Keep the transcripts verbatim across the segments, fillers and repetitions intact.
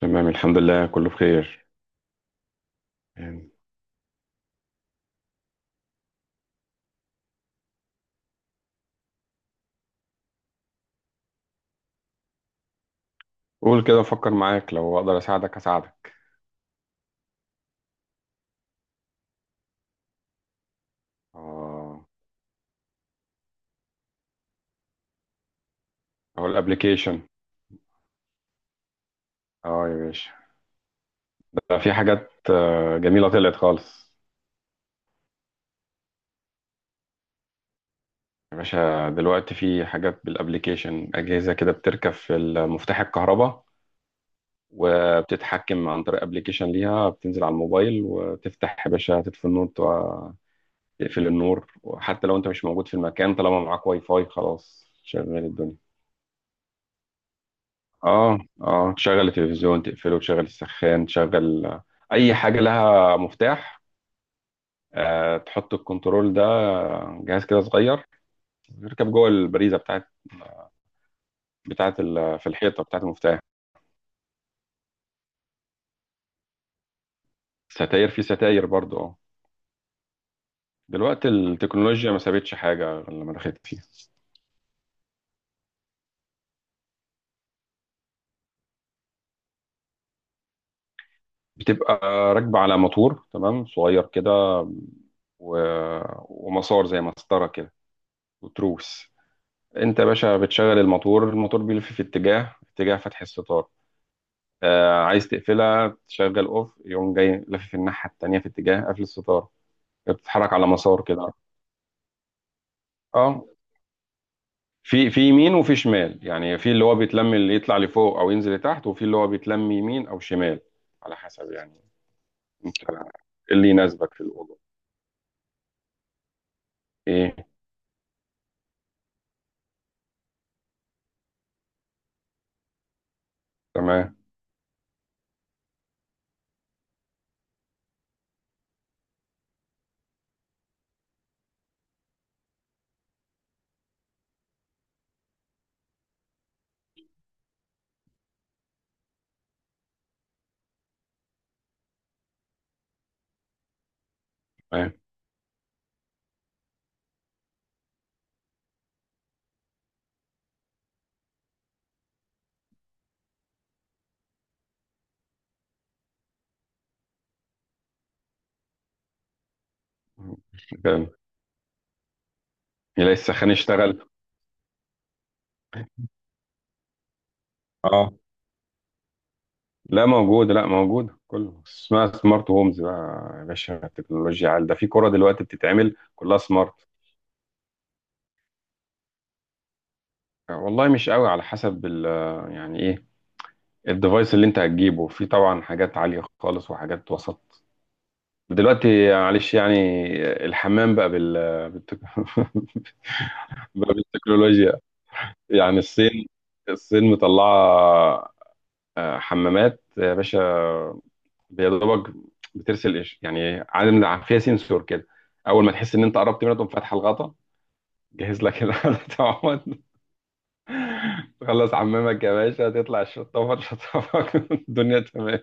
تمام، الحمد لله كله بخير. يعني. قول كده افكر معاك، لو اقدر اساعدك اساعدك اه، او الابليكيشن. اه يا باشا. ده في حاجات آه، جميله طلعت خالص. يا باشا دلوقتي في حاجات بالابليكيشن، اجهزه كده بتركب في مفتاح الكهرباء، وبتتحكم عن طريق ابليكيشن ليها بتنزل على الموبايل، وتفتح يا باشا تطفي النور وتقفل النور. وحتى لو انت مش موجود في المكان، طالما معاك واي فاي خلاص شغال الدنيا. اه، اه، تشغل التلفزيون تقفله، تشغل السخان، تشغل آه، اي حاجه لها مفتاح. آه تحط الكنترول ده، آه، جهاز كده صغير يركب جوه البريزه بتاعت بتاعت ال- في الحيطه بتاعت المفتاح. ستاير، في ستاير برضو اه. دلوقتي التكنولوجيا ما سابتش حاجه غير لما دخلت فيها. بتبقى راكبه على موتور تمام صغير كده، و... ومسار زي مسطره كده، وتروس. انت يا باشا بتشغل الموتور، الموتور بيلف في اتجاه اتجاه فتح الستار. آه عايز تقفلها تشغل اوف، يقوم جاي لافف الناحيه التانيه في اتجاه قفل الستاره. بتتحرك على مسار كده. اه، في في يمين وفي شمال، يعني في اللي هو بيتلم اللي يطلع لفوق او ينزل لتحت، وفي اللي هو بيتلم يمين او شمال، على حسب يعني. انت إيه اللي يناسبك في الاوضه؟ ايه؟ تمام، تمام، تمام. يلاقي السخان اشتغل. اه، لا موجود، لا موجود. كله اسمها سمارت هومز بقى يا باشا. التكنولوجيا عال، ده في كرة دلوقتي بتتعمل كلها سمارت. والله مش قوي، على حسب ال يعني ايه الديفايس اللي انت هتجيبه. في طبعا حاجات عالية خالص وحاجات وسط. دلوقتي معلش يعني. الحمام بقى بال بالتك... بقى بالتكنولوجيا يعني. الصين الصين مطلعة آه، حمامات يا باشا. يا دوبك بترسل إش- يعني عالم، فيها سنسور كده، اول ما تحس ان انت قربت منها تقوم فاتحه الغطا. جهز لك الغطا تخلص عمامك يا باشا، تطلع الشطافة تشطفك الدنيا تمام.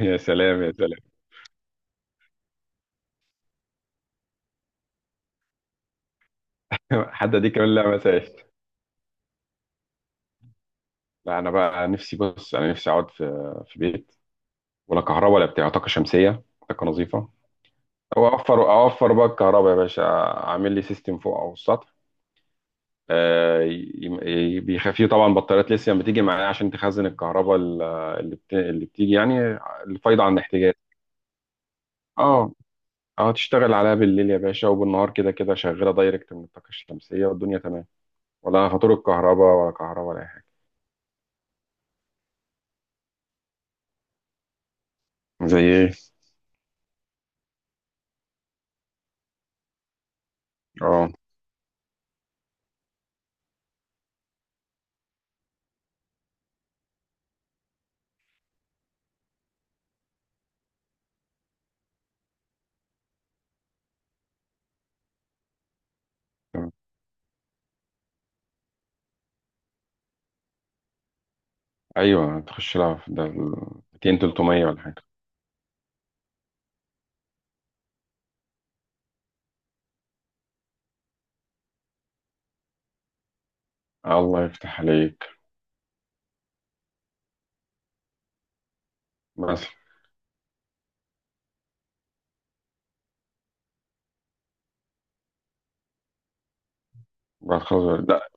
يا سلام، يا سلام. حتى دي كمان، لا مساج. لا، انا بقى نفسي، بص انا نفسي اقعد في في بيت ولا كهرباء، ولا بتاع طاقة شمسية، طاقة نظيفة. او اوفر اوفر بقى الكهرباء يا باشا، اعمل لي سيستم فوق او السطح. آه، ي- ي- بيخفيه طبعا بطاريات ليثيوم بتيجي معايا عشان تخزن الكهرباء ال- اللي بت- اللي بتيجي يعني الفايضة عن الاحتياجات. اه، اه، تشتغل عليها بالليل يا باشا، وبالنهار كده كده شغاله دايركت من الطاقه الشمسيه والدنيا تمام. ولا خطور الكهرباء، ولا كهرباء، ولا اي حاجه. زي ايه؟ اه، تمام. ايوه، تخش لها في ده ال مئتين تلت ميه ولا حاجه. الله يفتح عليك. بس. بقى خلاص. لا،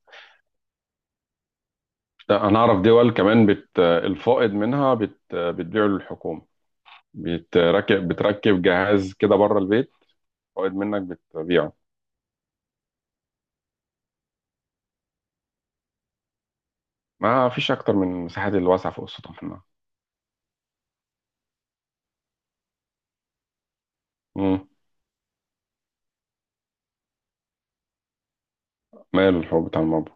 ده انا اعرف دول كمان بت الفائض منها بت بتبيعه للحكومه. بتركب بتركب جهاز كده بره البيت. فائض منك بتبيعه. ما فيش اكتر من المساحات الواسعه فوق السطح منها. مم. ماله الحب بتاع المربى.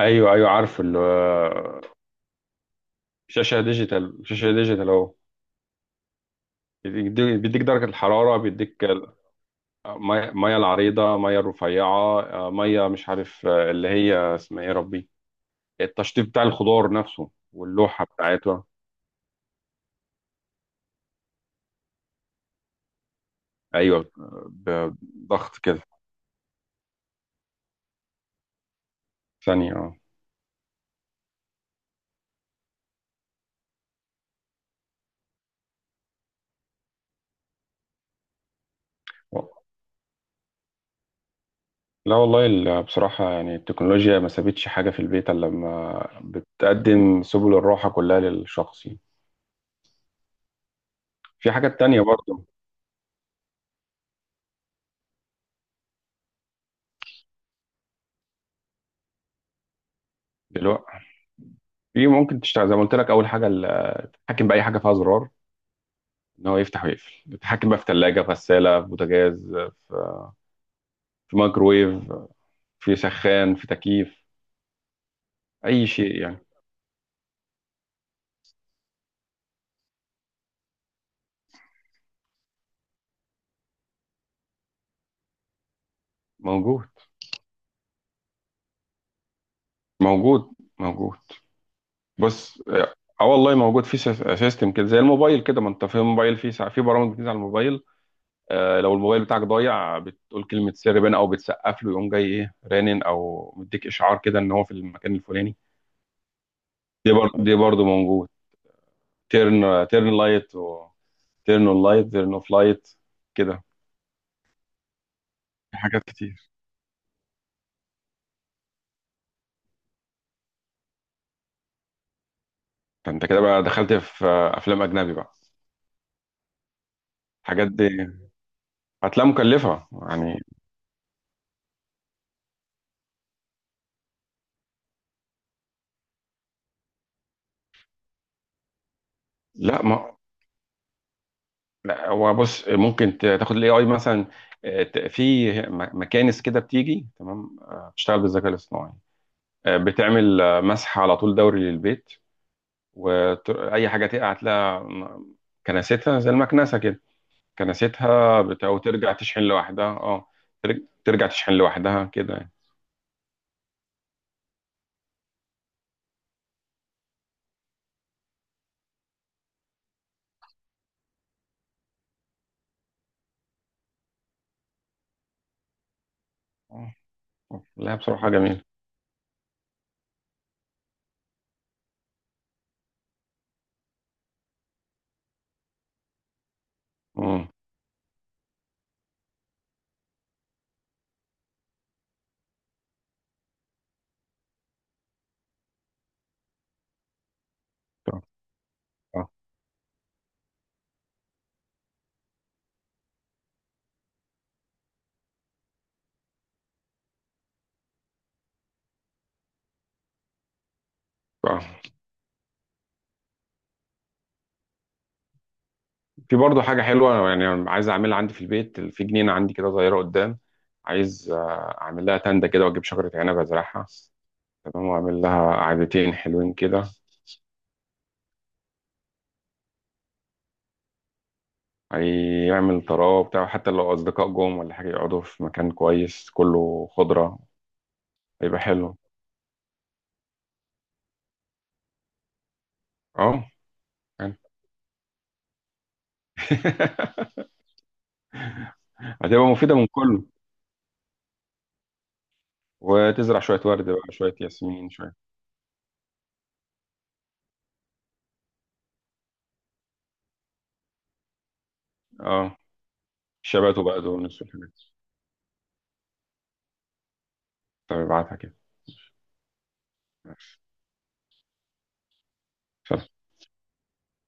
ايوه ايوه، عارف ال- شاشه ديجيتال، شاشه ديجيتال اهو. بيديك بيديك درجه الحراره، بيديك ال- ميه، مية العريضه، ميه الرفيعه، آه، ميه مش عارف، آه، اللي هي اسمها ايه يا ربي. التشطيب بتاع الخضار نفسه، واللوحه بتاعتها. ايوه آه، بضغط كده ثانيه اه. لا والله ال- بصراحة يعني التكنولوجيا ما سابتش حاجة في البيت إلا لما بتقدم سبل الراحة كلها للشخص يعني. في حاجات تانية برضه. دلوقتي في ممكن تشتغل زي ما قلت لك أول حاجة، اتحكم باي حاجه فيها زرار، ان هو يفتح ويقفل. اتحكم بقى في ثلاجه، في غساله، في بوتاجاز، في في مايكرويف، في سخان، في تكييف. اي شيء يعني. موجود، موجود، موجود. بص اه، آه، والله موجود في سيس- سيستم كده زي الموبايل كده. ما انت في الموبايل في ساعة، في برامج بتنزل على الموبايل. آه، لو الموبايل بتاعك ضايع بتقول كلمة سر بين او بتسقف له يقوم جاي ايه رنن، او مديك اشعار كده ان هو في المكان الفلاني. دي برضه، دي برضه موجود. تيرن تيرن لايت، و تيرن اون لايت، تيرن اوف لايت، كده. في حاجات كتير. فانت كده بقى دخلت في افلام اجنبي بقى. الحاجات دي هتلاقيها مكلفه يعني. لا، ما، لا هو بص، ممكن ت- تاخد الاي اي مثلا. آه، ت- في م- مكانس كده بتيجي تمام، آه، بتشتغل بالذكاء الاصطناعي. آه، بتعمل آه، مسح على طول دوري للبيت. واي حاجه تقع هتلاقيها م- كنستها زي المكنسه كده. كنستها بتاع، وترجع تشحن لوحدها اه. ترج- ترجع تشحن لوحدها كده يعني. آه. آه. لا بصراحة جميل. مم. آه، آه، آه. في برضه حاجة حلوة يعني عايز أعملها عندي في البيت. في جنينة عندي كده صغيرة قدام، عايز آه، أعمل لها تندة كده، وأجيب شجرة عنب أزرعها. تمام، وأعمل لها قعدتين حلوين كده. هيعمل طراوه بتاع، حتى لو أصدقاء جم ولا حاجة يقعدوا في مكان كويس كله خضرة. هيبقى حلو اه يعني. هتبقى مفيدة من كله. وتزرع شوية ورد بقى، شوية ياسمين، شوية. اه، الشبات وبقدونس والحاجات دي. طب ابعتها كده. ماشي.